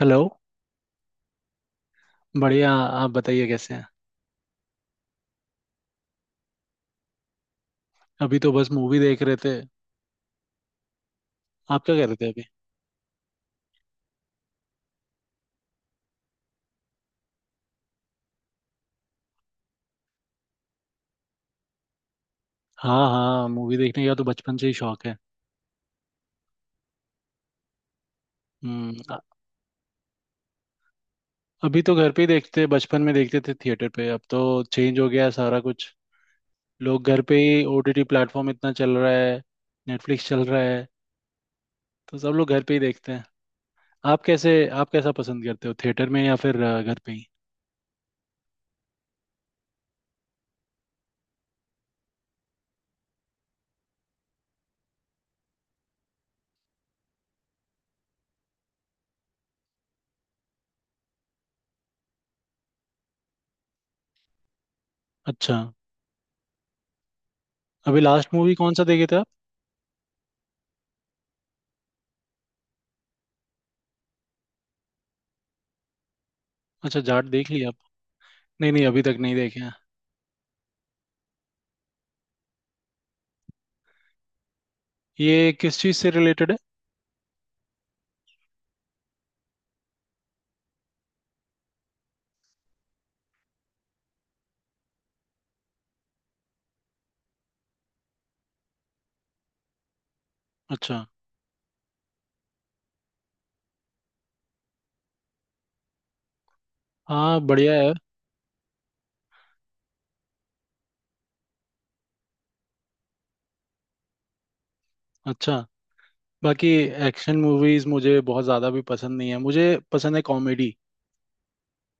Hello. बढ़िया, आप बताइए कैसे हैं। अभी तो बस मूवी देख रहे थे। आप क्या कर रहे थे अभी? हाँ हाँ, मूवी देखने का तो बचपन से ही शौक है। हम्म। अभी तो घर पे ही देखते, बचपन में देखते थे थिएटर पे, अब तो चेंज हो गया है सारा कुछ। लोग घर पे ही, ओटीटी प्लेटफॉर्म इतना चल रहा है, नेटफ्लिक्स चल रहा है, तो सब लोग घर पे ही देखते हैं। आप कैसे आप कैसा पसंद करते हो, थिएटर में या फिर घर पे ही? अच्छा। अभी लास्ट मूवी कौन सा देखे थे आप? अच्छा, जाट देख लिया आप? नहीं नहीं, अभी तक नहीं देखे हैं। ये किस चीज़ से रिलेटेड है? अच्छा। हाँ, बढ़िया है। अच्छा। बाकी एक्शन मूवीज मुझे बहुत ज़्यादा भी पसंद नहीं है, मुझे पसंद है कॉमेडी।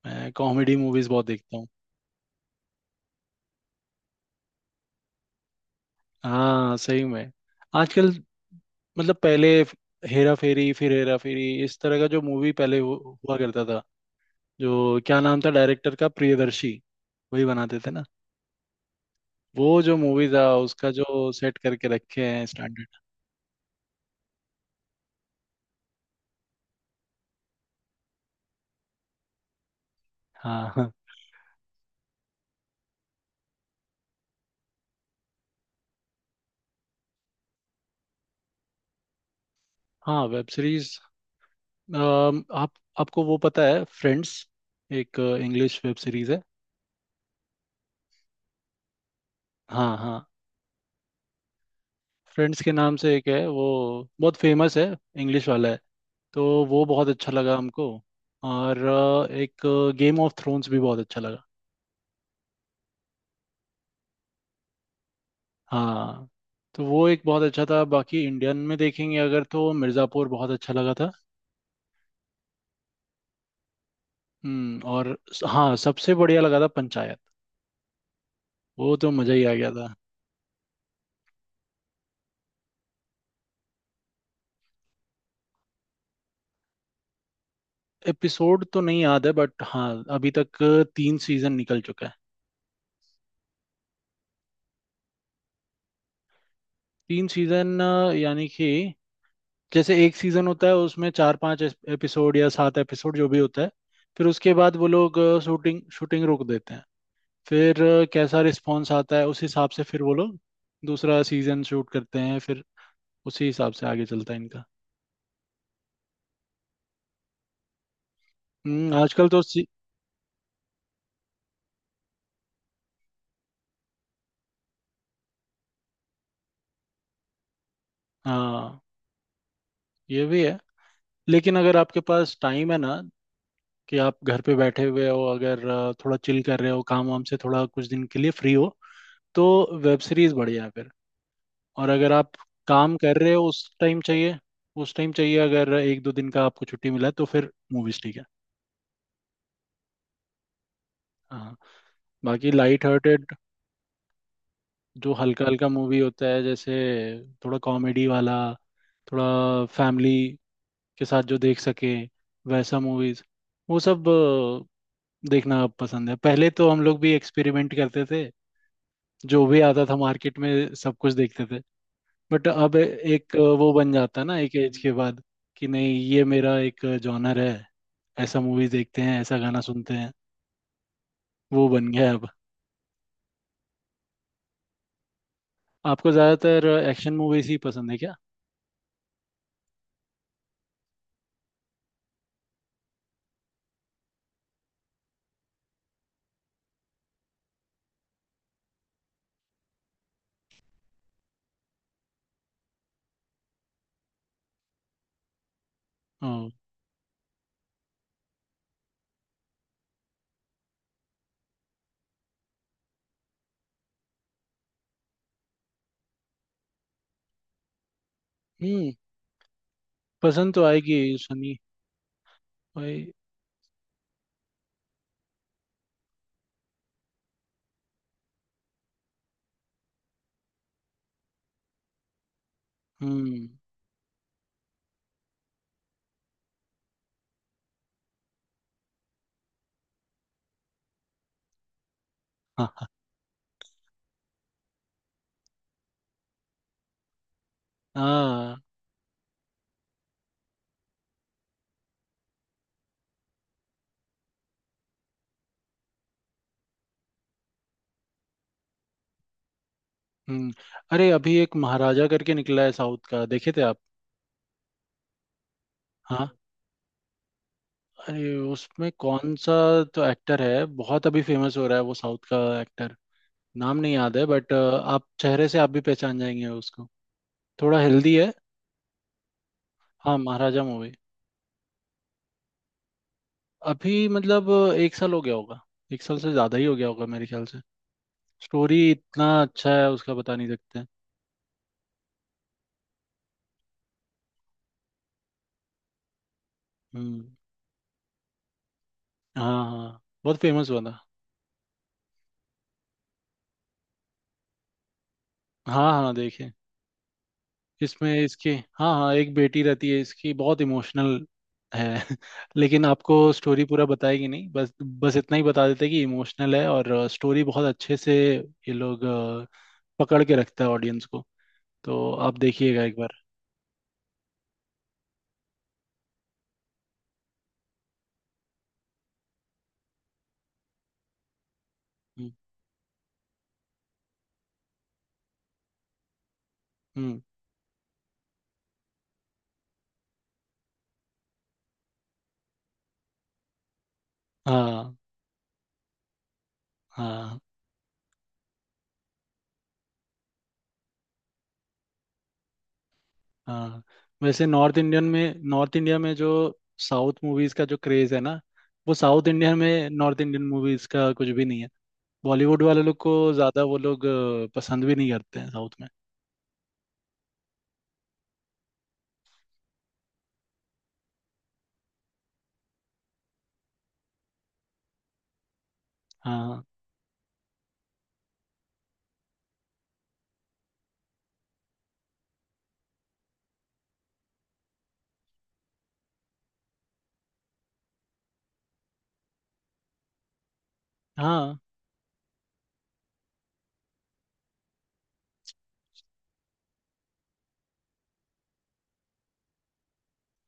मैं कॉमेडी मूवीज बहुत देखता हूँ। हाँ सही में। आजकल मतलब पहले हेरा फेरी, फिर हेरा फेरी, इस तरह का जो मूवी पहले हुआ करता था। जो क्या नाम था डायरेक्टर का, प्रियदर्शी, वही बनाते थे ना। वो जो मूवी था उसका जो सेट करके रखे हैं स्टैंडर्ड। हाँ हाँ। हाँ, वेब सीरीज। आप आपको वो पता है फ्रेंड्स, एक इंग्लिश वेब सीरीज है। हाँ हाँ, फ्रेंड्स के नाम से एक है वो, बहुत फेमस है, इंग्लिश वाला है, तो वो बहुत अच्छा लगा हमको। और एक गेम ऑफ थ्रोन्स भी बहुत अच्छा लगा। हाँ, तो वो एक बहुत अच्छा था। बाकी इंडियन में देखेंगे अगर तो मिर्ज़ापुर बहुत अच्छा लगा था। और हाँ, सबसे बढ़िया लगा था पंचायत, वो तो मज़ा ही आ गया था। एपिसोड तो नहीं याद है बट हाँ, अभी तक तीन सीज़न निकल चुका है। तीन सीज़न, यानी कि जैसे एक सीजन होता है उसमें चार पांच एपिसोड या सात एपिसोड जो भी होता है, फिर उसके बाद वो लोग शूटिंग शूटिंग रोक देते हैं। फिर कैसा रिस्पॉन्स आता है उस हिसाब से फिर वो लोग दूसरा सीजन शूट करते हैं, फिर उसी हिसाब से आगे चलता है इनका। हम्म, आजकल तो सी... हाँ, ये भी है। लेकिन अगर आपके पास टाइम है ना, कि आप घर पे बैठे हुए हो, अगर थोड़ा चिल कर रहे हो, काम वाम से थोड़ा कुछ दिन के लिए फ्री हो, तो वेब सीरीज बढ़िया है। और अगर आप काम कर रहे हो उस टाइम चाहिए, उस टाइम चाहिए अगर एक दो दिन का आपको छुट्टी मिला है, तो फिर मूवीज ठीक है। हाँ। बाकी लाइट हार्टेड, जो हल्का हल्का मूवी होता है, जैसे थोड़ा कॉमेडी वाला, थोड़ा फैमिली के साथ जो देख सके, वैसा मूवीज वो सब देखना पसंद है। पहले तो हम लोग भी एक्सपेरिमेंट करते थे, जो भी आता था मार्केट में सब कुछ देखते थे, बट अब एक वो बन जाता है ना एक एज के बाद, कि नहीं ये मेरा एक जॉनर है, ऐसा मूवीज देखते हैं, ऐसा गाना सुनते हैं, वो बन गया है अब। आपको ज्यादातर एक्शन मूवीज ही पसंद है क्या? ओ। हम्म, पसंद तो आएगी। सनी भाई। हम्म। हाँ हाँ। हम्म। अरे अभी एक महाराजा करके निकला है साउथ का, देखे थे आप? हाँ, अरे उसमें कौन सा तो एक्टर है, बहुत अभी फेमस हो रहा है वो साउथ का एक्टर, नाम नहीं याद है बट आप चेहरे से आप भी पहचान जाएंगे उसको, थोड़ा हेल्दी है। हाँ, महाराजा मूवी। अभी मतलब एक साल हो गया होगा, एक साल से ज़्यादा ही हो गया होगा मेरे ख्याल से। स्टोरी इतना अच्छा है उसका, बता नहीं सकते। हम्म। हाँ हाँ, बहुत फेमस हुआ था। हाँ हाँ, देखिए। इसमें इसकी, हाँ हाँ, एक बेटी रहती है इसकी, बहुत इमोशनल है लेकिन आपको स्टोरी पूरा बताएगी नहीं, बस बस इतना ही बता देते हैं कि इमोशनल है और स्टोरी बहुत अच्छे से ये लोग पकड़ के रखता है ऑडियंस को, तो आप देखिएगा एक बार। हम्म। हम्म, हाँ हाँ हाँ। वैसे नॉर्थ इंडियन में, नॉर्थ इंडिया में जो साउथ मूवीज का जो क्रेज है ना, वो साउथ इंडिया में नॉर्थ इंडियन मूवीज का कुछ भी नहीं है। बॉलीवुड वाले लोग को ज्यादा वो लोग पसंद भी नहीं करते हैं साउथ में। हाँ हाँ,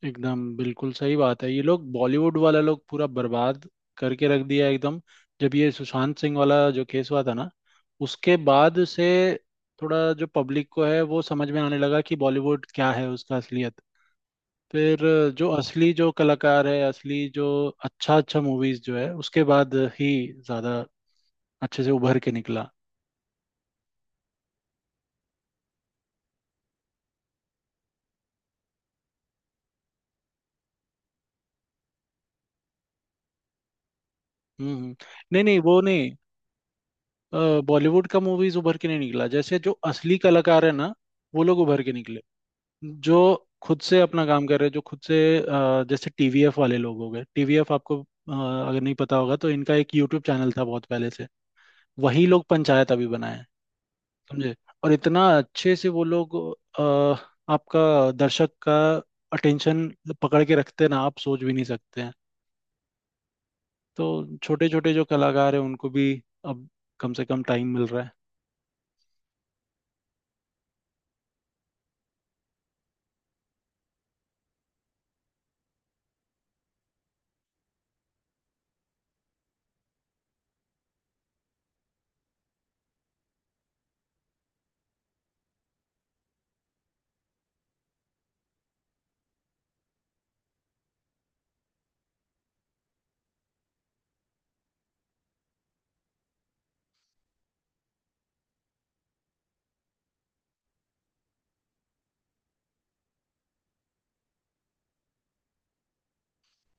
एकदम बिल्कुल सही बात है, ये लोग बॉलीवुड वाला लोग पूरा बर्बाद करके रख दिया है एकदम। जब ये सुशांत सिंह वाला जो केस हुआ था ना, उसके बाद से थोड़ा जो पब्लिक को है वो समझ में आने लगा कि बॉलीवुड क्या है, उसका असलियत। फिर जो असली जो कलाकार है, असली जो अच्छा अच्छा मूवीज जो है, उसके बाद ही ज्यादा अच्छे से उभर के निकला। हम्म। हम्म। नहीं नहीं, वो नहीं, बॉलीवुड का मूवीज उभर के नहीं निकला, जैसे जो असली कलाकार है ना वो लोग उभर के निकले, जो खुद से अपना काम कर रहे हैं, जो खुद से जैसे टीवीएफ वाले लोग हो गए। टीवीएफ आपको अगर नहीं पता होगा, तो इनका एक यूट्यूब चैनल था बहुत पहले से, वही लोग पंचायत अभी बनाए हैं, समझे। और इतना अच्छे से वो लोग अ, आपका, दर्शक का अटेंशन पकड़ के रखते हैं ना, आप सोच भी नहीं सकते हैं। तो छोटे छोटे जो कलाकार हैं उनको भी अब कम से कम टाइम मिल रहा है।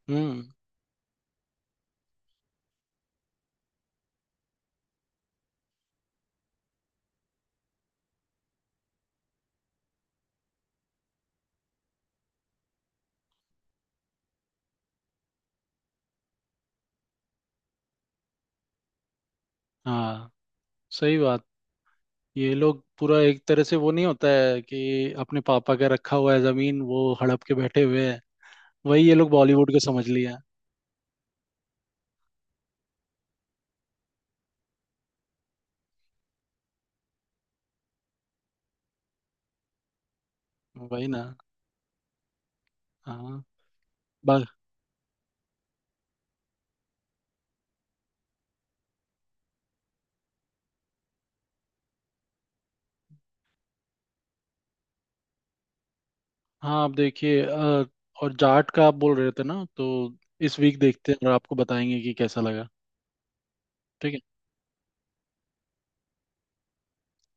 हम्म। हाँ, सही बात। ये लोग पूरा एक तरह से, वो नहीं होता है कि अपने पापा का रखा हुआ है जमीन, वो हड़प के बैठे हुए हैं, वही ये लोग बॉलीवुड को समझ लिया है, वही ना। हाँ। बस। हाँ, आप देखिए, और जाट का आप बोल रहे थे ना, तो इस वीक देखते हैं और आपको बताएंगे कि कैसा लगा। ठीक है।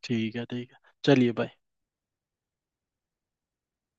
ठीक है ठीक है। चलिए, बाय।